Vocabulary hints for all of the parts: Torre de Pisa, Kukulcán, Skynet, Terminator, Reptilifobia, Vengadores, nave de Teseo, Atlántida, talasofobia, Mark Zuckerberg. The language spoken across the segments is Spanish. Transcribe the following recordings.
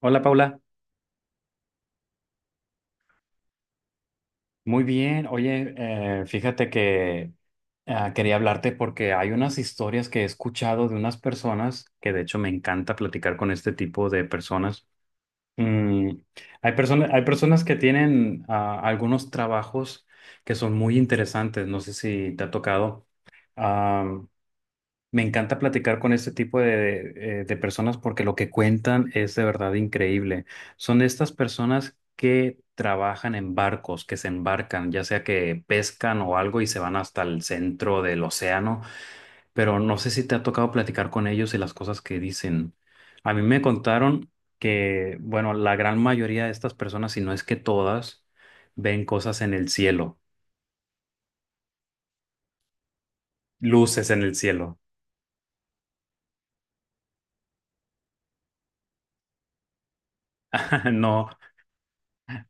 Hola Paula, muy bien. Oye, fíjate que quería hablarte porque hay unas historias que he escuchado de unas personas que de hecho me encanta platicar con este tipo de personas. Mm, hay personas que tienen algunos trabajos que son muy interesantes. No sé si te ha tocado. Me encanta platicar con este tipo de personas porque lo que cuentan es de verdad increíble. Son estas personas que trabajan en barcos, que se embarcan, ya sea que pescan o algo y se van hasta el centro del océano, pero no sé si te ha tocado platicar con ellos y las cosas que dicen. A mí me contaron que, bueno, la gran mayoría de estas personas, si no es que todas, ven cosas en el cielo, luces en el cielo. No.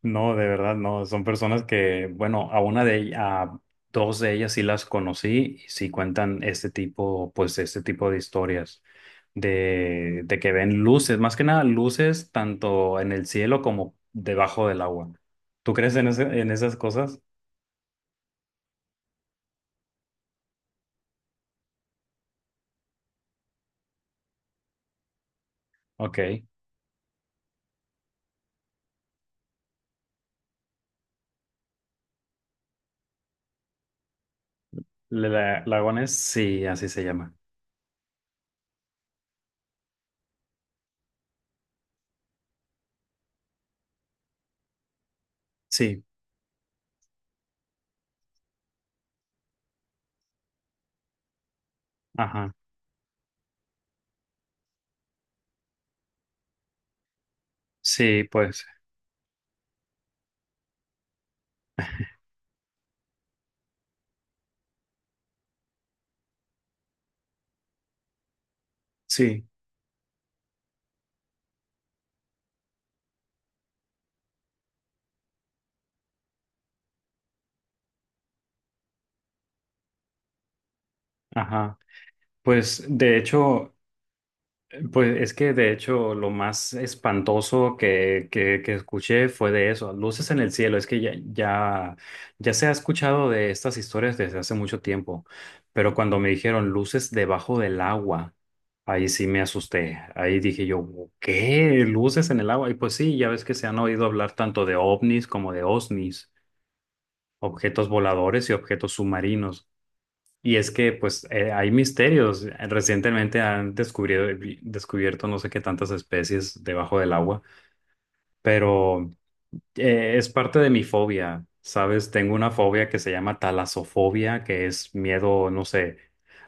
No, de verdad, no. Son personas que, bueno, a una de ellas, a dos de ellas sí las conocí y sí cuentan este tipo, pues este tipo de historias de que ven luces, más que nada luces tanto en el cielo como debajo del agua. ¿Tú crees en esas cosas? Ok. Lagones, sí, así se llama. Sí, ajá. Sí, pues, sí, ajá. Pues de hecho. Pues es que de hecho lo más espantoso que escuché fue de eso, luces en el cielo. Es que ya se ha escuchado de estas historias desde hace mucho tiempo, pero cuando me dijeron luces debajo del agua, ahí sí me asusté. Ahí dije yo, ¿qué? ¿Luces en el agua? Y pues sí, ya ves que se han oído hablar tanto de ovnis como de osnis, objetos voladores y objetos submarinos. Y es que pues hay misterios. Recientemente han descubierto no sé qué tantas especies debajo del agua, pero es parte de mi fobia, ¿sabes? Tengo una fobia que se llama talasofobia, que es miedo, no sé,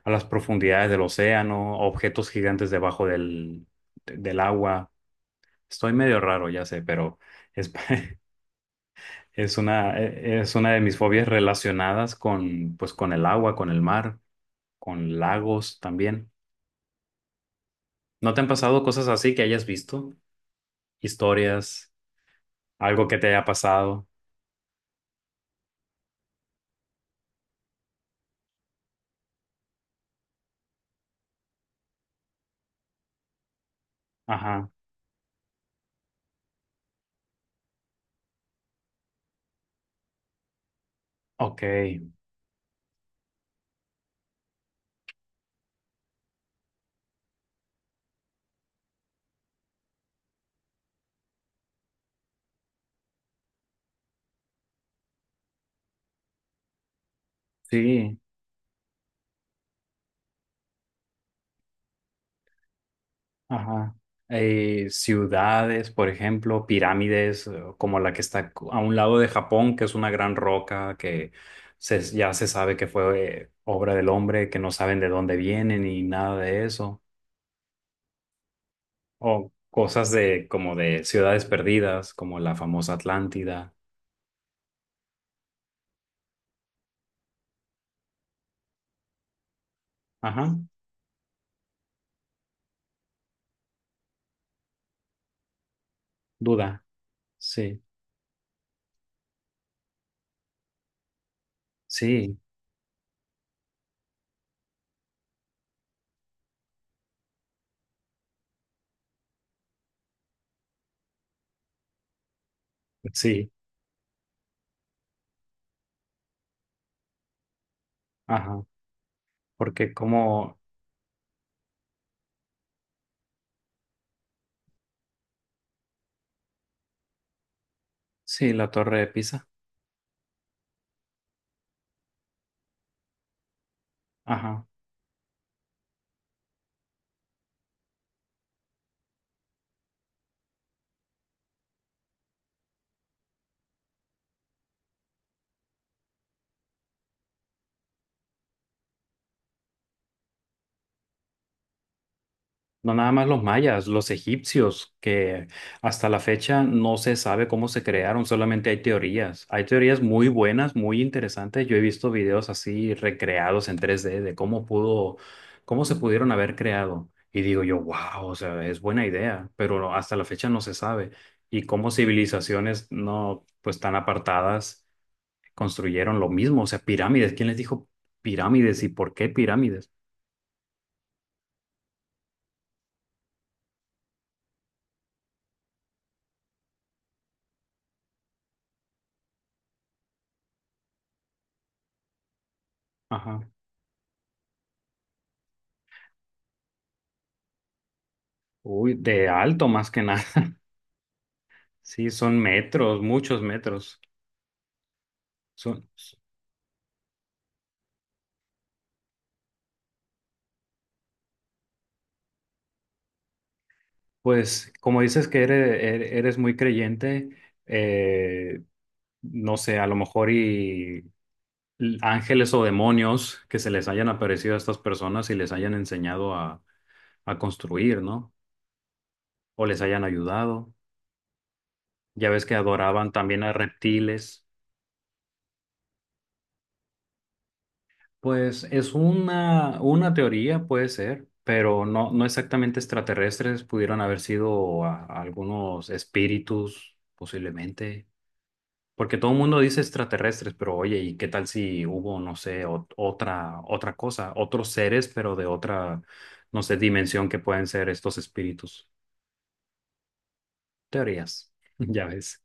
a las profundidades del océano, a objetos gigantes debajo del agua. Estoy medio raro, ya sé, pero es, es una de mis fobias relacionadas con, pues, con el agua, con el mar, con lagos también. ¿No te han pasado cosas así que hayas visto? Historias, algo que te haya pasado. Ajá. Ok. Sí. Ajá. Ciudades, por ejemplo, pirámides, como la que está a un lado de Japón, que es una gran roca que ya se sabe que fue obra del hombre, que no saben de dónde vienen y nada de eso. O cosas de como de ciudades perdidas, como la famosa Atlántida. Ajá. Duda. Sí. Sí. Sí. Ajá. Porque como, sí, la Torre de Pisa. Ajá. No nada más los mayas, los egipcios, que hasta la fecha no se sabe cómo se crearon, solamente hay teorías. Hay teorías muy buenas, muy interesantes. Yo he visto videos así recreados en 3D de cómo se pudieron haber creado. Y digo yo, wow, o sea, es buena idea, pero hasta la fecha no se sabe. Y cómo civilizaciones no, pues tan apartadas construyeron lo mismo, o sea, pirámides. ¿Quién les dijo pirámides y por qué pirámides? Ajá. Uy, de alto más que nada. Sí, son metros, muchos metros. Son, pues, como dices que eres muy creyente, eh, no sé, a lo mejor y ángeles o demonios que se les hayan aparecido a estas personas y les hayan enseñado a construir, ¿no? O les hayan ayudado. Ya ves que adoraban también a reptiles. Pues es una teoría, puede ser, pero no exactamente extraterrestres, pudieron haber sido algunos espíritus, posiblemente, porque todo el mundo dice extraterrestres, pero oye, ¿y qué tal si hubo, no sé, otra cosa, otros seres, pero de otra, no sé, dimensión que pueden ser estos espíritus? Teorías, ya ves.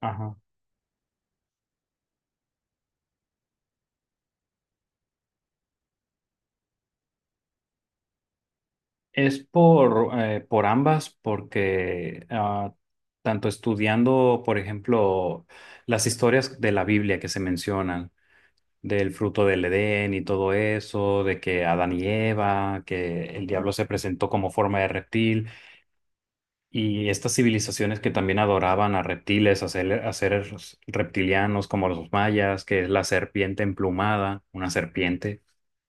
Ajá. Es por ambas, porque tanto estudiando, por ejemplo, las historias de la Biblia que se mencionan, del fruto del Edén y todo eso, de que Adán y Eva, que el diablo se presentó como forma de reptil, y estas civilizaciones que también adoraban a reptiles, a, a seres reptilianos como los mayas, que es la serpiente emplumada, una serpiente.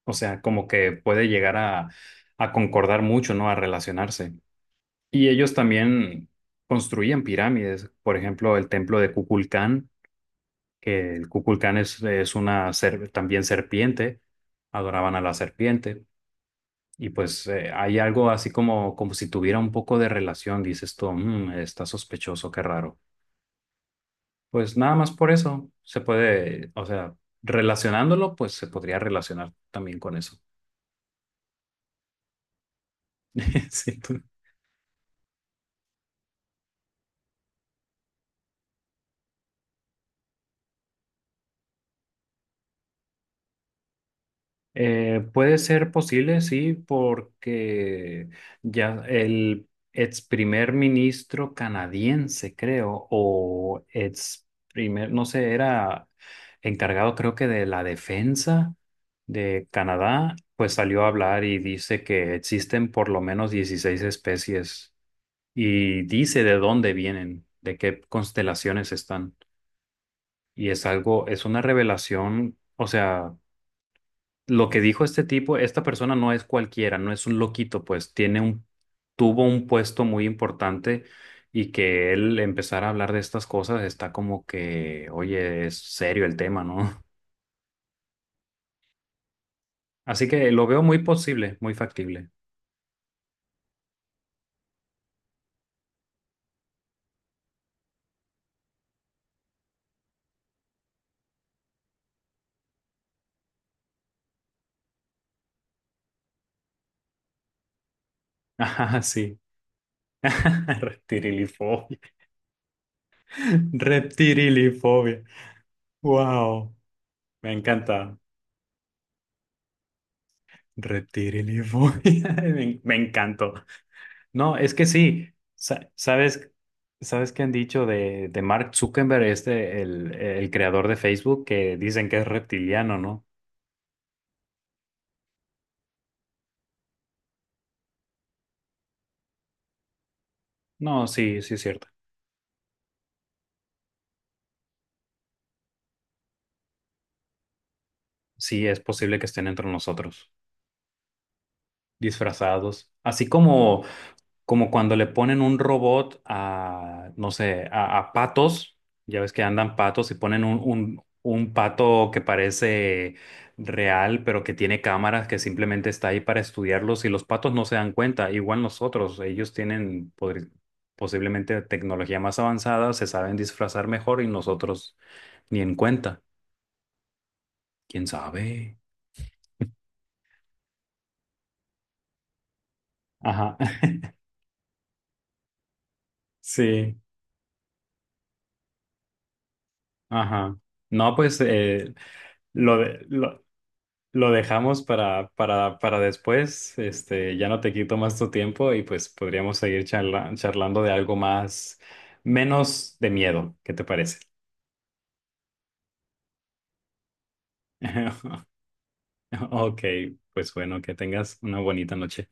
O sea, como que puede llegar a concordar mucho, ¿no? A relacionarse. Y ellos también construían pirámides, por ejemplo, el templo de Kukulcán, que el Kukulcán es una también serpiente, adoraban a la serpiente. Y pues hay algo así como si tuviera un poco de relación, dices tú, "Mm, está sospechoso, qué raro". Pues nada más por eso se puede, o sea, relacionándolo, pues se podría relacionar también con eso. Sí. Puede ser posible, sí, porque ya el ex primer ministro canadiense, creo, o ex primer, no sé, era encargado creo que de la defensa de Canadá, pues salió a hablar y dice que existen por lo menos 16 especies y dice de dónde vienen, de qué constelaciones están. Y es algo, es una revelación, o sea lo que dijo este tipo, esta persona no es cualquiera, no es un loquito, pues tiene un, tuvo un puesto muy importante y que él empezara a hablar de estas cosas está como que, oye, es serio el tema, ¿no? Así que lo veo muy posible, muy factible. Ajá, sí. Reptilifobia. Reptilifobia. Wow. Me encanta. Reptilifobia. Me encantó. No, es que sí, sa- sabes, sabes que han dicho de Mark Zuckerberg, este, el creador de Facebook, que dicen que es reptiliano, ¿no? No, sí, sí es cierto. Sí, es posible que estén entre nosotros, disfrazados. Así como cuando le ponen un robot a, no sé, a patos, ya ves que andan patos y ponen un pato que parece real, pero que tiene cámaras, que simplemente está ahí para estudiarlos y los patos no se dan cuenta, igual nosotros, ellos tienen posiblemente tecnología más avanzada, se saben disfrazar mejor y nosotros ni en cuenta, quién sabe. Ajá, sí, ajá. No, pues lo de, lo- lo dejamos para, después. Este, ya no te quito más tu tiempo y pues podríamos seguir charlando de algo más, menos de miedo. ¿Qué te parece? Ok, pues bueno, que tengas una bonita noche.